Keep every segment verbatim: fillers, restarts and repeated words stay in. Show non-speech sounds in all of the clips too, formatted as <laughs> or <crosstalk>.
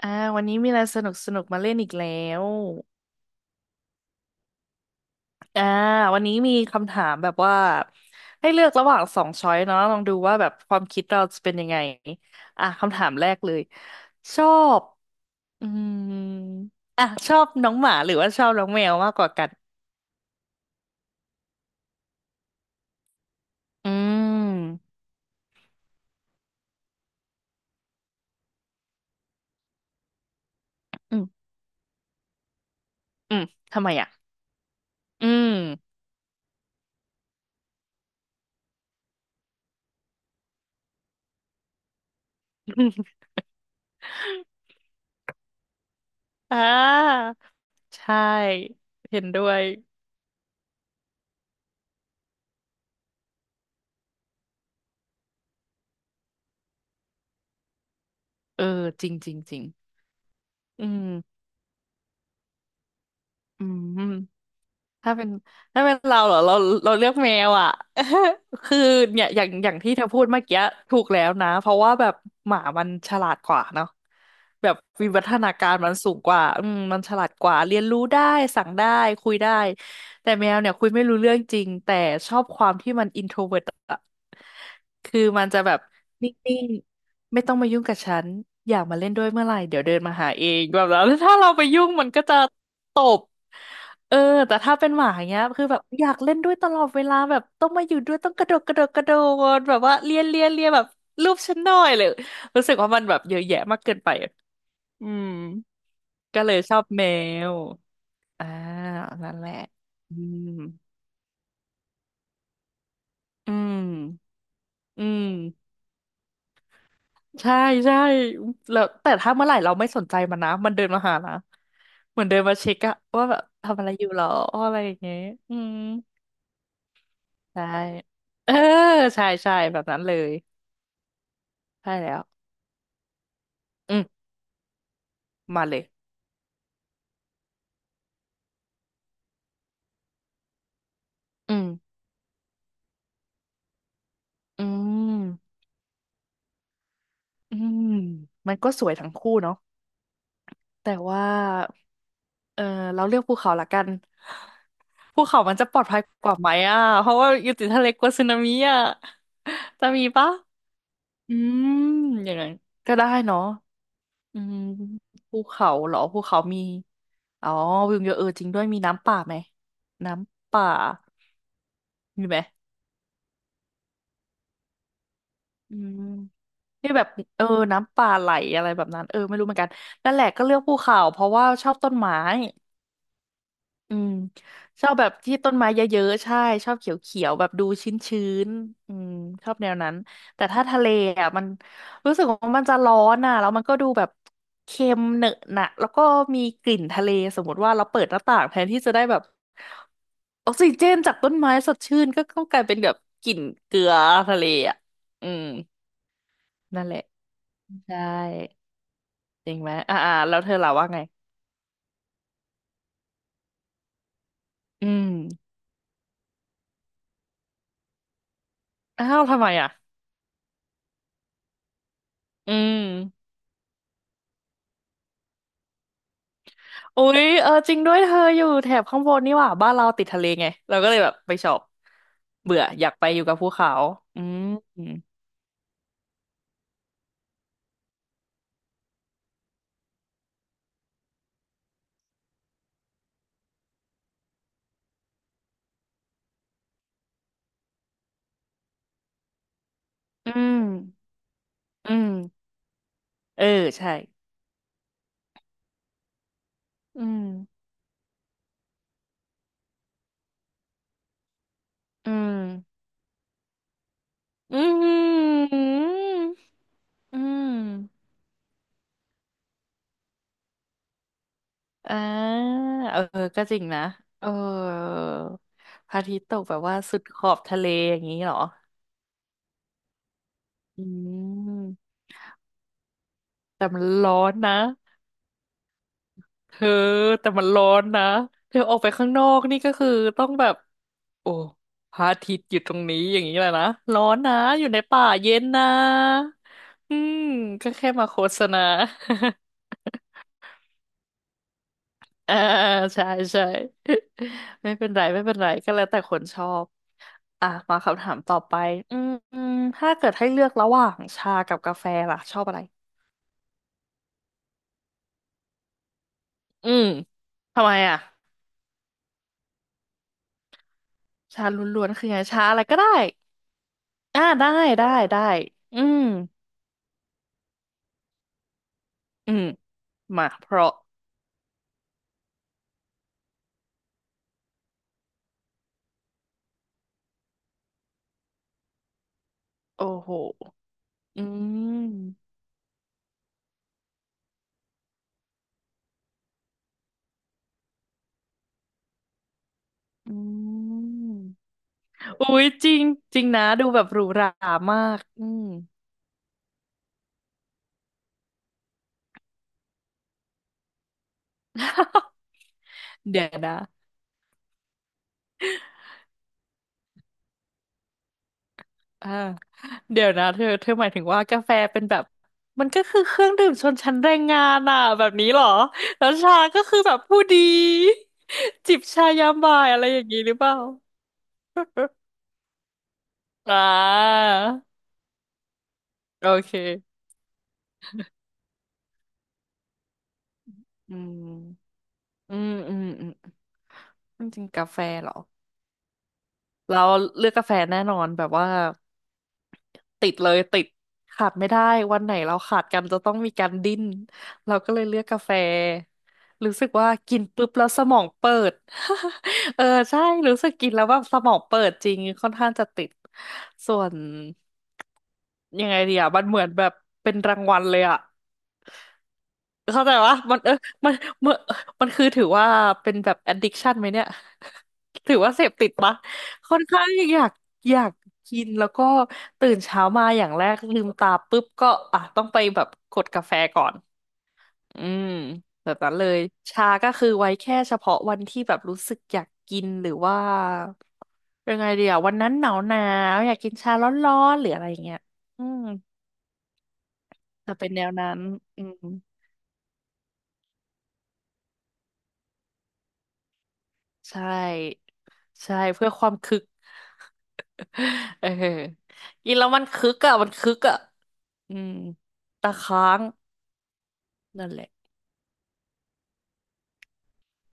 อ่าวันนี้มีอะไรสนุกสนุกมาเล่นอีกแล้วอ่าวันนี้มีคำถามแบบว่าให้เลือกระหว่างสองช้อยเนาะลองดูว่าแบบความคิดเราจะเป็นยังไงอ่ะคำถามแรกเลยชอบอืมอ่ะชอบน้องหมาหรือว่าชอบน้องแมวมากกว่ากันอืมอืมอืมทำไมอ่ะอืม <laughs> อ่าใช่เห็นด้วยเออจริงจริงจริงอืมอืม ถ้าเป็นถ้าเป็นเราเหรอเราเราเลือกแมวอ่ะ <laughs> คือเนี่ยอย่างอย่างที่เธอพูดเมื่อกี้ถูกแล้วนะเพราะว่าแบบหมามันฉลาดกว่าเนาะแบบวิวัฒนาการมันสูงกว่าอืมมันฉลาดกว่าเรียนรู้ได้สั่งได้คุยได้แต่แมวเนี่ยคุยไม่รู้เรื่องจริงแต่ชอบความที่มันอินโทรเวิร์ตอะคือมันจะแบบนิ่งๆไม่ต้องมายุ่งกับฉันอยากมาเล่นด้วยเมื่อไหร่เดี๋ยวเดินมาหาเองแบบนั้น <laughs> ถ้าเราไปยุ่งมันก็จะ เออ แต่ถ้าเป็นหมาอย่างเงี้ยคือแบบอยากเล่นด้วยตลอดเวลาแบบต้องมาอยู่ด้วยต้องกระโดดกระโดดกระโดดแบบว่าเลียเลียเลียแบบรูปฉันหน่อยเลยรู้สึกว่ามันแบบเยอะแยะมากเกินไปอะอืมก็เลยชอบแมวอ่านั่นแหละอืมอืมอืมใช่ใช่แล้วแต่ถ้าเมื่อไหร่เราไม่สนใจมันนะมันเดินมาหานะเหมือนเดินมาเช็คอะว่าแบบทำอะไรอยู่หรออะไรอย่างเงี้ยอืมใช่เออใช่ใช่แบบนั้นเลย ใช่แล้วอืมมาเลยอืมอืมอืมมันก็สวยทั้งคู่เนาะแต่ว่าเออเราเลือกภูเขาละกันภูเขามันจะปลอดภัยกว่าไหมอ่ะเพราะว่าอยู่ติดทะเลกลัวสึนามิอ่ะจะมีปะอืมอย่างนั้นก็ได้เนาะอืมภูเขาเหรอภูเขามีอ๋อวิวเยอะเออจริงด้วยมีน้ำป่าไหม น้ำป่ามีไหมอืม ที่แบบเออน้ำป่าไหลอะไรแบบนั้นเออไม่รู้เหมือนกันนั่นแหละก็เลือกภูเขาเพราะว่าชอบต้นไม้อืมชอบแบบที่ต้นไม้เยอะๆใช่ชอบเขียวๆแบบดูชื้นๆอืมชอบแนวนั้นแต่ถ้าทะเลอ่ะมันรู้สึกว่ามันจะร้อนอ่ะแล้วมันก็ดูแบบเค็มเหนอะหนะแล้วก็มีกลิ่นทะเลสมมติว่าเราเปิดหน้าต่างแทนที่จะได้แบบออกซิเจนจากต้นไม้สดชื่นก็ก็กลายเป็นแบบกลิ่นเกลือทะเลอ่ะอืมนั่นแหละใช่ จริงไหมอ่าอ่าแล้วเธอล่ะว่าไงอืมอ้าวทำไมอ่ะอืมอุ๊ยเออจริงด้วยเธออยู่แถบข้างบนนี่หว่าบ้านเราติดทะเลไงเราก็เลยแบบไปชอบเบื่ออยากไปอยู่กับภูเขาอืมอืมอืมเออใช่อืมอืมอืมอืมอ่าเออก็จริงนะเออพระอาทิตย์ตกแบบว่าสุดขอบทะเลอย่างนี้เหรออืมแต่มันร้อนนะ เธอแต่มันร้อนนะเธอออกไปข้างนอกนี่ก็คือต้องแบบโอ้พระอาทิตย์อยู่ตรงนี้อย่างนี้แหละนะร้อนนะอยู่ในป่าเย็นนะอืมก็แค่มาโฆษณา <laughs> อ่าใช่ใช่ <laughs> ไม่เป็นไรไม่เป็นไรก็แล้วแต่คนชอบอ่ะมาคำถามต่อไปอืมอืมถ้าเกิดให้เลือกระหว่างชากับกาแฟล่ะชอบอะไรอืมทำไมอ่ะชาล้วนๆคือไงชาอะไรก็ได้อ่าได้ได้ได้อืม อืมมาเพราะโอ้โหอืมอืมอุ้ยจริงจริงนะดูแบบหรูหรามากอืม <laughs> เดี๋ยวนะอ่าเดี๋ยวนะเธอเธอหมายถึงว่ากาแฟเป็นแบบมันก็คือเครื่องดื่มชนชั้นแรงงานอ่ะแบบนี้เหรอแล้วชาก็คือแบบผู้ดีจิบชายามบ่ายอะไรอย่างนี้หรือเปล่า <laughs> อ่าโอเคอืมอืมอืมอืมจริงๆกาแฟเหรอ เราเลือกกาแฟแน่นอนแบบว่าติดเลยติดขาดไม่ได้วันไหนเราขาดกันจะต้องมีการดิ้นเราก็เลยเลือกกาแฟรู้สึกว่ากินปุ๊บแล้วสมองเปิด <laughs> เออใช่รู้สึกกินแล้วแบบสมองเปิดจริงค่อนข้างจะติดส่วนยังไงดีอ่ะมันเหมือนแบบเป็นรางวัลเลยอ่ะ เข้าใจวะมันเออมันมันมันคือถือว่าเป็นแบบ addiction ไหมเนี่ย <laughs> ถือว่าเสพติดปะค่อนข้างอยากอยากกินแล้วก็ตื่นเช้ามาอย่างแรกลืมตาปุ๊บก็อ่ะต้องไปแบบกดกาแฟก่อนอืมแบบนั้นเลยชาก็คือไว้แค่เฉพาะวันที่แบบรู้สึกอยากกินหรือว่ายังไงเดียววันนั้นหนาวหนาวอยากกินชาร้อนๆหรืออะไรอย่างเงี้ยอืมจะเป็นแนวนั้นอืม ใช่ใช่เพื่อความคึก <laughs> เออกินแล้วมันคึกอ่ะมันคึกอ่ะอืมตะค้างนั่นแหละ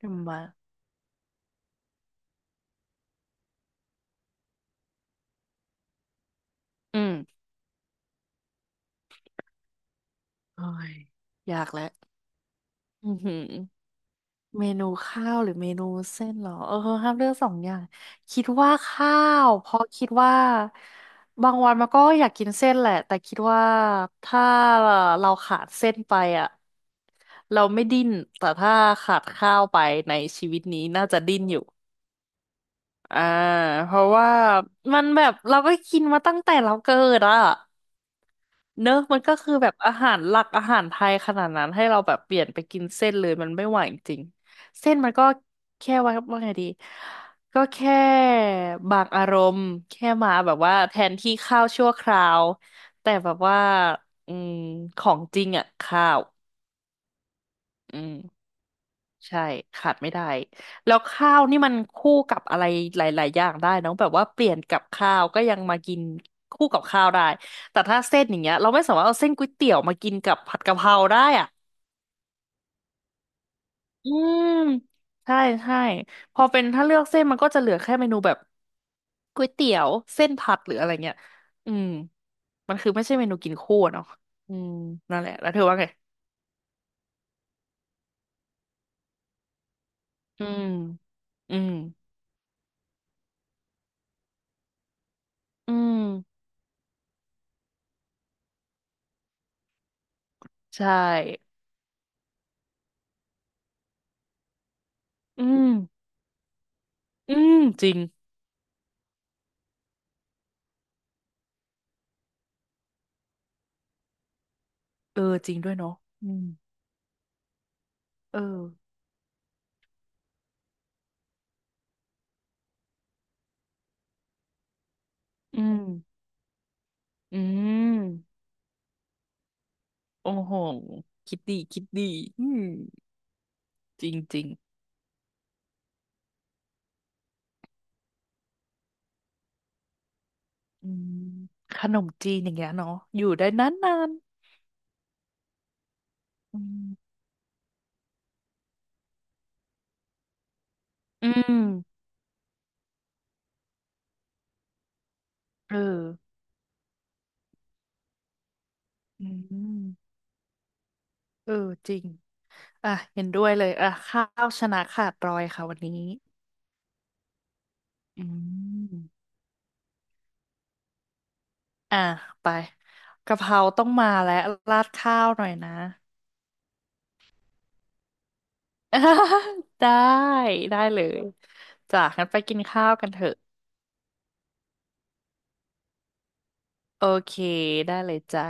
ทำมาอืมโอ้ยอยากแล้วอือหือ เมนูข้าวหรือเมนูเส้นเหรอเออห้ามเลือกสองอย่างคิดว่าข้าวเพราะคิดว่าบางวันมันก็อยากกินเส้นแหละแต่คิดว่าถ้าเราขาดเส้นไปอ่ะเราไม่ดิ้นแต่ถ้าขาดข้าวไปในชีวิตนี้น่าจะดิ้นอยู่อ่าเพราะว่ามันแบบเราก็กินมาตั้งแต่เราเกิดอ่ะ เนอะมันก็คือแบบอาหารหลักอาหารไทยขนาดนั้นให้เราแบบเปลี่ยนไปกินเส้นเลยมันไม่ไหวจริงเส้นมันก็แค่ว่าว่าไงดีก็แค่บางอารมณ์แค่มาแบบว่าแทนที่ข้าวชั่วคราวแต่แบบว่าอืมของจริงอ่ะข้าวอืม ใช่ขาดไม่ได้แล้วข้าวนี่มันคู่กับอะไรหลายๆอย่างได้เนอะแบบว่าเปลี่ยนกับข้าวก็ยังมากินคู่กับข้าวได้แต่ถ้าเส้นอย่างเงี้ยเราไม่สามารถเอาเส้นก๋วยเตี๋ยวมากินกับผัดกะเพราได้อ่ะอืมใช่ใช่พอเป็นถ้าเลือกเส้นมันก็จะเหลือแค่เมนูแบบก๋วยเตี๋ยวเส้นผัดหรืออะไรเงี้ยอืมมันคือไม่ใช่เมนูกินคู่อะเนาะอืมนั่นแหละแล้วเธอว่าไงอืมอืมอืมใช่อืมอืมจริง เออจริงด้วยเนาะอืมเอออืมอืมโอ้โหคิดดีคิดดีอืมจริงจริงอืมขนมจีนอย่างเงี้ยเนาะอยู่ได้นานนานอืมอืมเอออืมเออจริงอ่ะเห็นด้วยเลยอ่ะข้าวชนะขาดรอยค่ะวันนี้อืมอ่ะไปกะเพราต้องมาแล้วราดข้าวหน่อยนะ <laughs> ได้ได้เลยจ้ะงั้นไปกินข้าวกันเถอะ โอเค ได้เลยจ้า